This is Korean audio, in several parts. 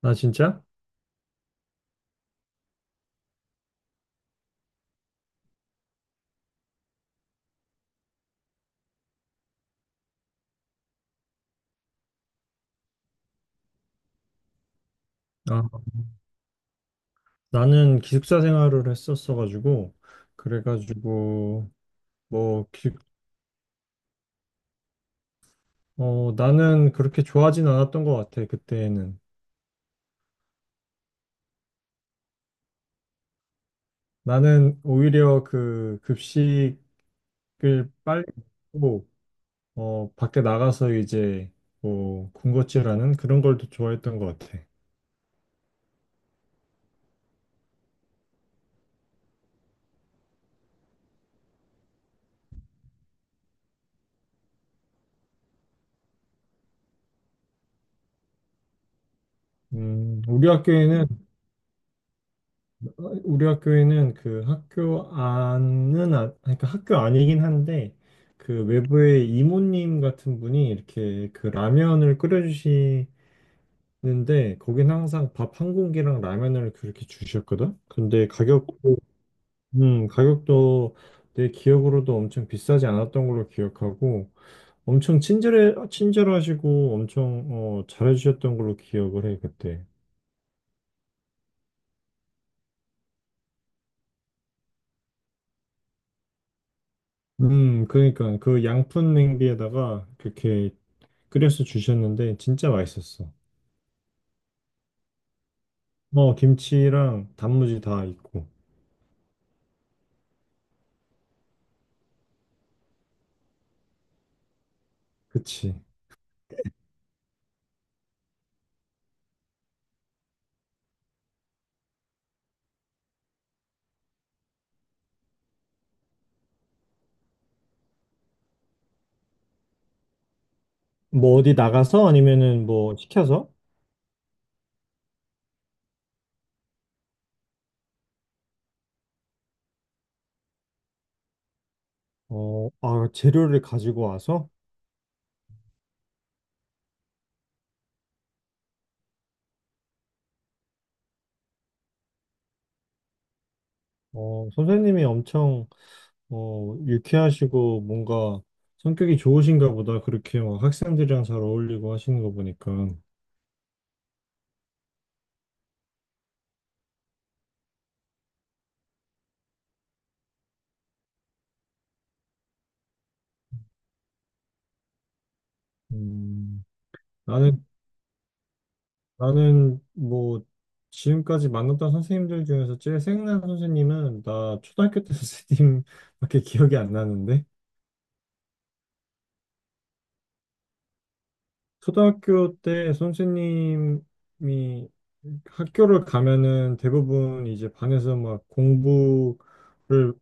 나 진짜? 아, 나는 기숙사 생활을 했었어가지고, 그래가지고, 뭐, 기, 어, 나는 그렇게 좋아하진 않았던 것 같아, 그때는. 나는 오히려 그 급식을 빨리 먹고, 밖에 나가서 이제, 뭐, 군것질하는 그런 걸 더 좋아했던 것 같아. 음, 우리 학교에는 우리 학교에는 그 학교 안은 아, 그러니까 학교 아니긴 한데 그 외부의 이모님 같은 분이 이렇게 그 라면을 끓여주시는데 거긴 항상 밥 한 공기랑 라면을 그렇게 주셨거든. 근데 가격도 가격도 내 기억으로도 엄청 비싸지 않았던 걸로 기억하고 엄청 친절해 친절하시고 엄청 어, 잘해주셨던 걸로 기억을 해 그때. 그러니까 그 양푼 냄비에다가 그렇게 끓여서 주셨는데 진짜 맛있었어. 어, 김치랑 단무지 다 있고. 그치. 뭐 어디 나가서 아니면은 뭐 시켜서, 어, 아, 재료를 가지고 와서. 어, 선생님이 엄청 어, 유쾌하시고 뭔가 성격이 좋으신가 보다. 그렇게 막 학생들이랑 잘 어울리고 하시는 거 보니까. 음, 나는 나는 뭐 지금까지 만났던 선생님들 중에서 제일 생각나는 선생님은 나 초등학교 때 선생님밖에 기억이 안 나는데. 초등학교 때 선생님이 학교를 가면은 대부분 이제 반에서 막 공부를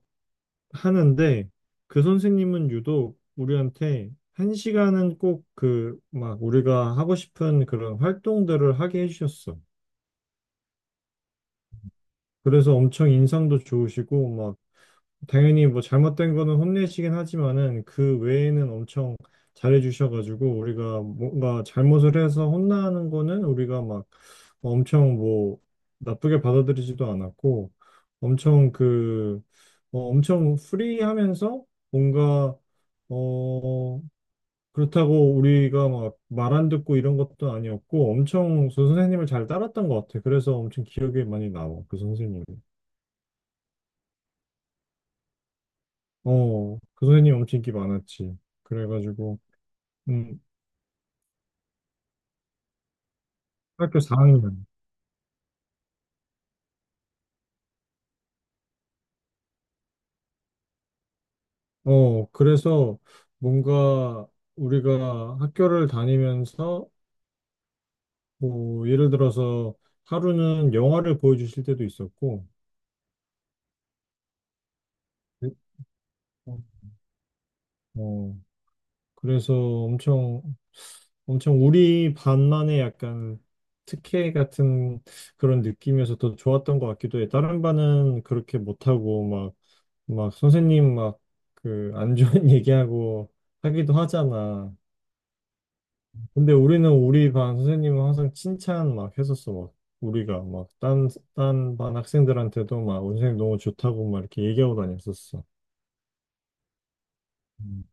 하는데 그 선생님은 유독 우리한테 한 시간은 꼭 그 막 우리가 하고 싶은 그런 활동들을 하게 해주셨어. 그래서 엄청 인상도 좋으시고 당연히 뭐 잘못된 거는 혼내시긴 하지만은 그 외에는 엄청 잘해주셔가지고 우리가 뭔가 잘못을 해서 혼나는 거는 우리가 막 엄청 뭐 나쁘게 받아들이지도 않았고 엄청 그 어, 엄청 프리하면서 뭔가 어 그렇다고 우리가 막 말 안 듣고 이런 것도 아니었고 엄청 그 선생님을 잘 따랐던 것 같아. 그래서 엄청 기억에 많이 남아. 그 선생님. 어, 그 선생님 엄청 인기 많았지. 그래가지고, 음, 학교 4학년. 어, 그래서 뭔가 우리가 학교를 다니면서, 뭐, 예를 들어서 하루는 영화를 보여주실 때도 있었고, 어, 어, 그래서 엄청, 엄청 우리 반만의 약간 특혜 같은 그런 느낌이어서 더 좋았던 것 같기도 해. 다른 반은 그렇게 못하고, 막 선생님 막 그 안 좋은 얘기하고 하기도 하잖아. 근데 우리는 우리 반 선생님은 항상 칭찬 막 했었어. 막 우리가 딴 반 학생들한테도 막 우리 선생님 너무 좋다고 막 이렇게 얘기하고 다녔었어. 음.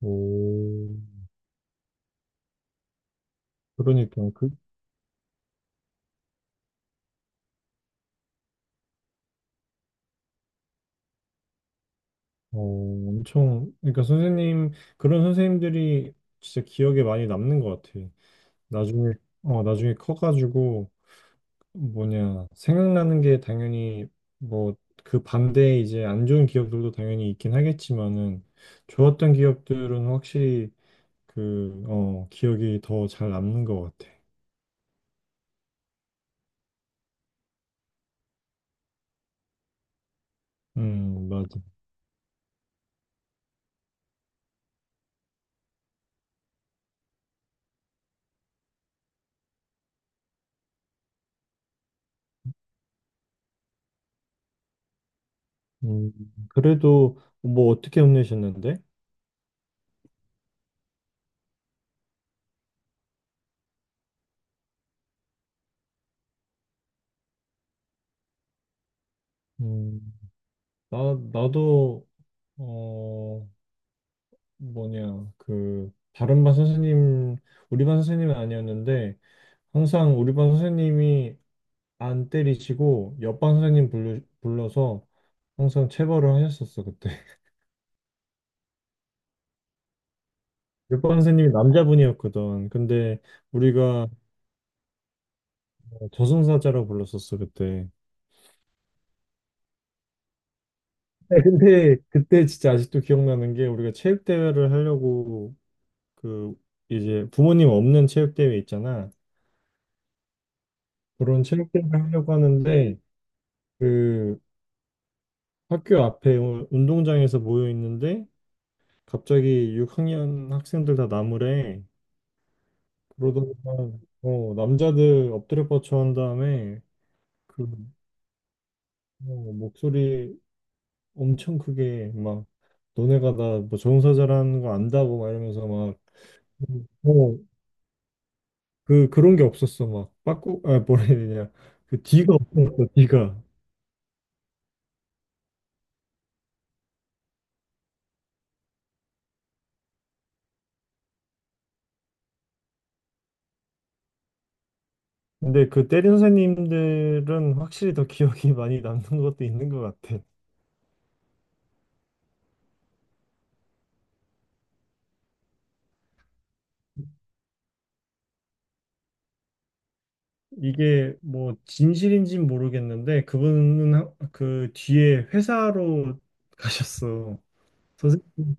오, 그러니까 그, 어, 엄청 그러니까 선생님 그런 선생님들이 진짜 기억에 많이 남는 것 같아. 나중에 어 나중에 커가지고 뭐냐, 생각나는 게 당연히 뭐 그 반대에 이제 안 좋은 기억들도 당연히 있긴 하겠지만은 좋았던 기억들은 확실히 그, 어, 기억이 더 잘 남는 것 같아. 맞아. 음, 그래도 뭐 어떻게 혼내셨는데? 음, 나, 나도, 어, 뭐냐, 그, 다른 반 선생님, 우리 반 선생님은 아니었는데 항상 우리 반 선생님이 안 때리시고 옆반 선생님 불러서 항상 체벌을 하셨었어 그때. 옆반 선생님이 남자분이었거든. 근데 우리가 저승사자라고 불렀었어 그때. 네, 근데 그때 진짜 아직도 기억나는 게 우리가 체육대회를 하려고 그 이제 부모님 없는 체육대회 있잖아. 그런 체육대회를 하려고 하는데 그 학교 앞에 운동장에서 모여 있는데 갑자기 6학년 학생들 다 나무래. 그러더니만 어, 남자들 엎드려 뻗쳐 한 다음에 그 어, 목소리 엄청 크게 막 너네가 나뭐 정사자라는 거 안다고 막 이러면서 막 어, 그 그런 게 없었어 막 빠꾸 아 뭐라 해야 되냐 그 뒤가 없었어 뒤가. 근데 그 때린 선생님들은 확실히 더 기억이 많이 남는 것도 있는 것 같아. 이게 뭐 진실인지는 모르겠는데 그분은 하- 그 뒤에 회사로 가셨어. 선생님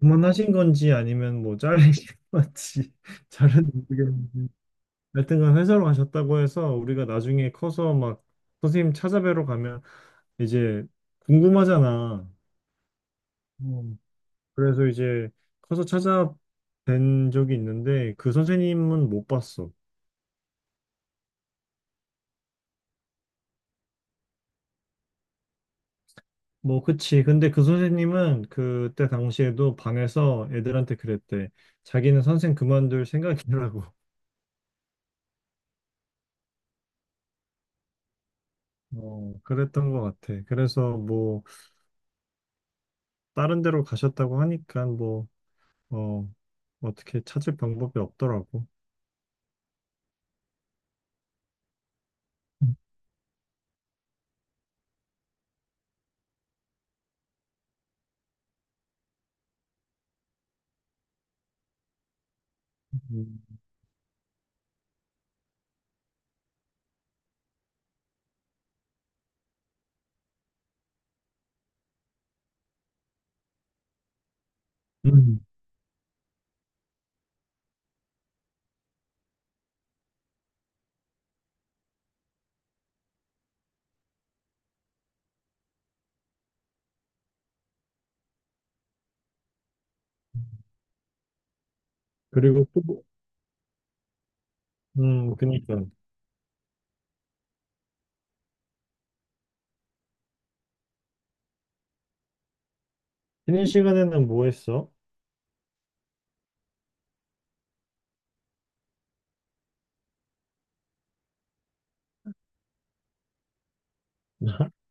그만하신 건지 아니면 뭐 잘리신 건지 잘은 모르겠는데 하여튼간 회사로 가셨다고 해서 우리가 나중에 커서 막 선생님 찾아뵈러 가면 이제 궁금하잖아. 음, 그래서 이제 커서 찾아뵌 적이 있는데 그 선생님은 못 봤어. 뭐 그치. 근데 그 선생님은 그때 당시에도 방에서 애들한테 그랬대. 자기는 선생 그만둘 생각이라고. 어, 그랬던 것 같아. 그래서 뭐 다른 데로 가셨다고 하니까 뭐, 어, 어떻게 찾을 방법이 없더라고. 음. 음. 그리고 또, 뭐- 그니까. 쉬는 시간에는 뭐 했어?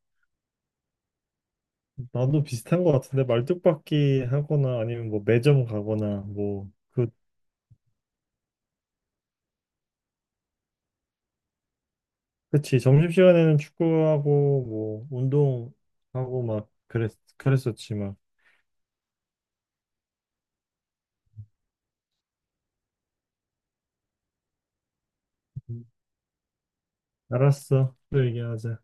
나도 비슷한 것 같은데, 말뚝박기 하거나 아니면 뭐 매점 가거나 뭐, 그, 그치. 점심시간에는 축구하고 뭐, 운동하고 막 그랬었지 막. 음. 알았어. 또 얘기하자.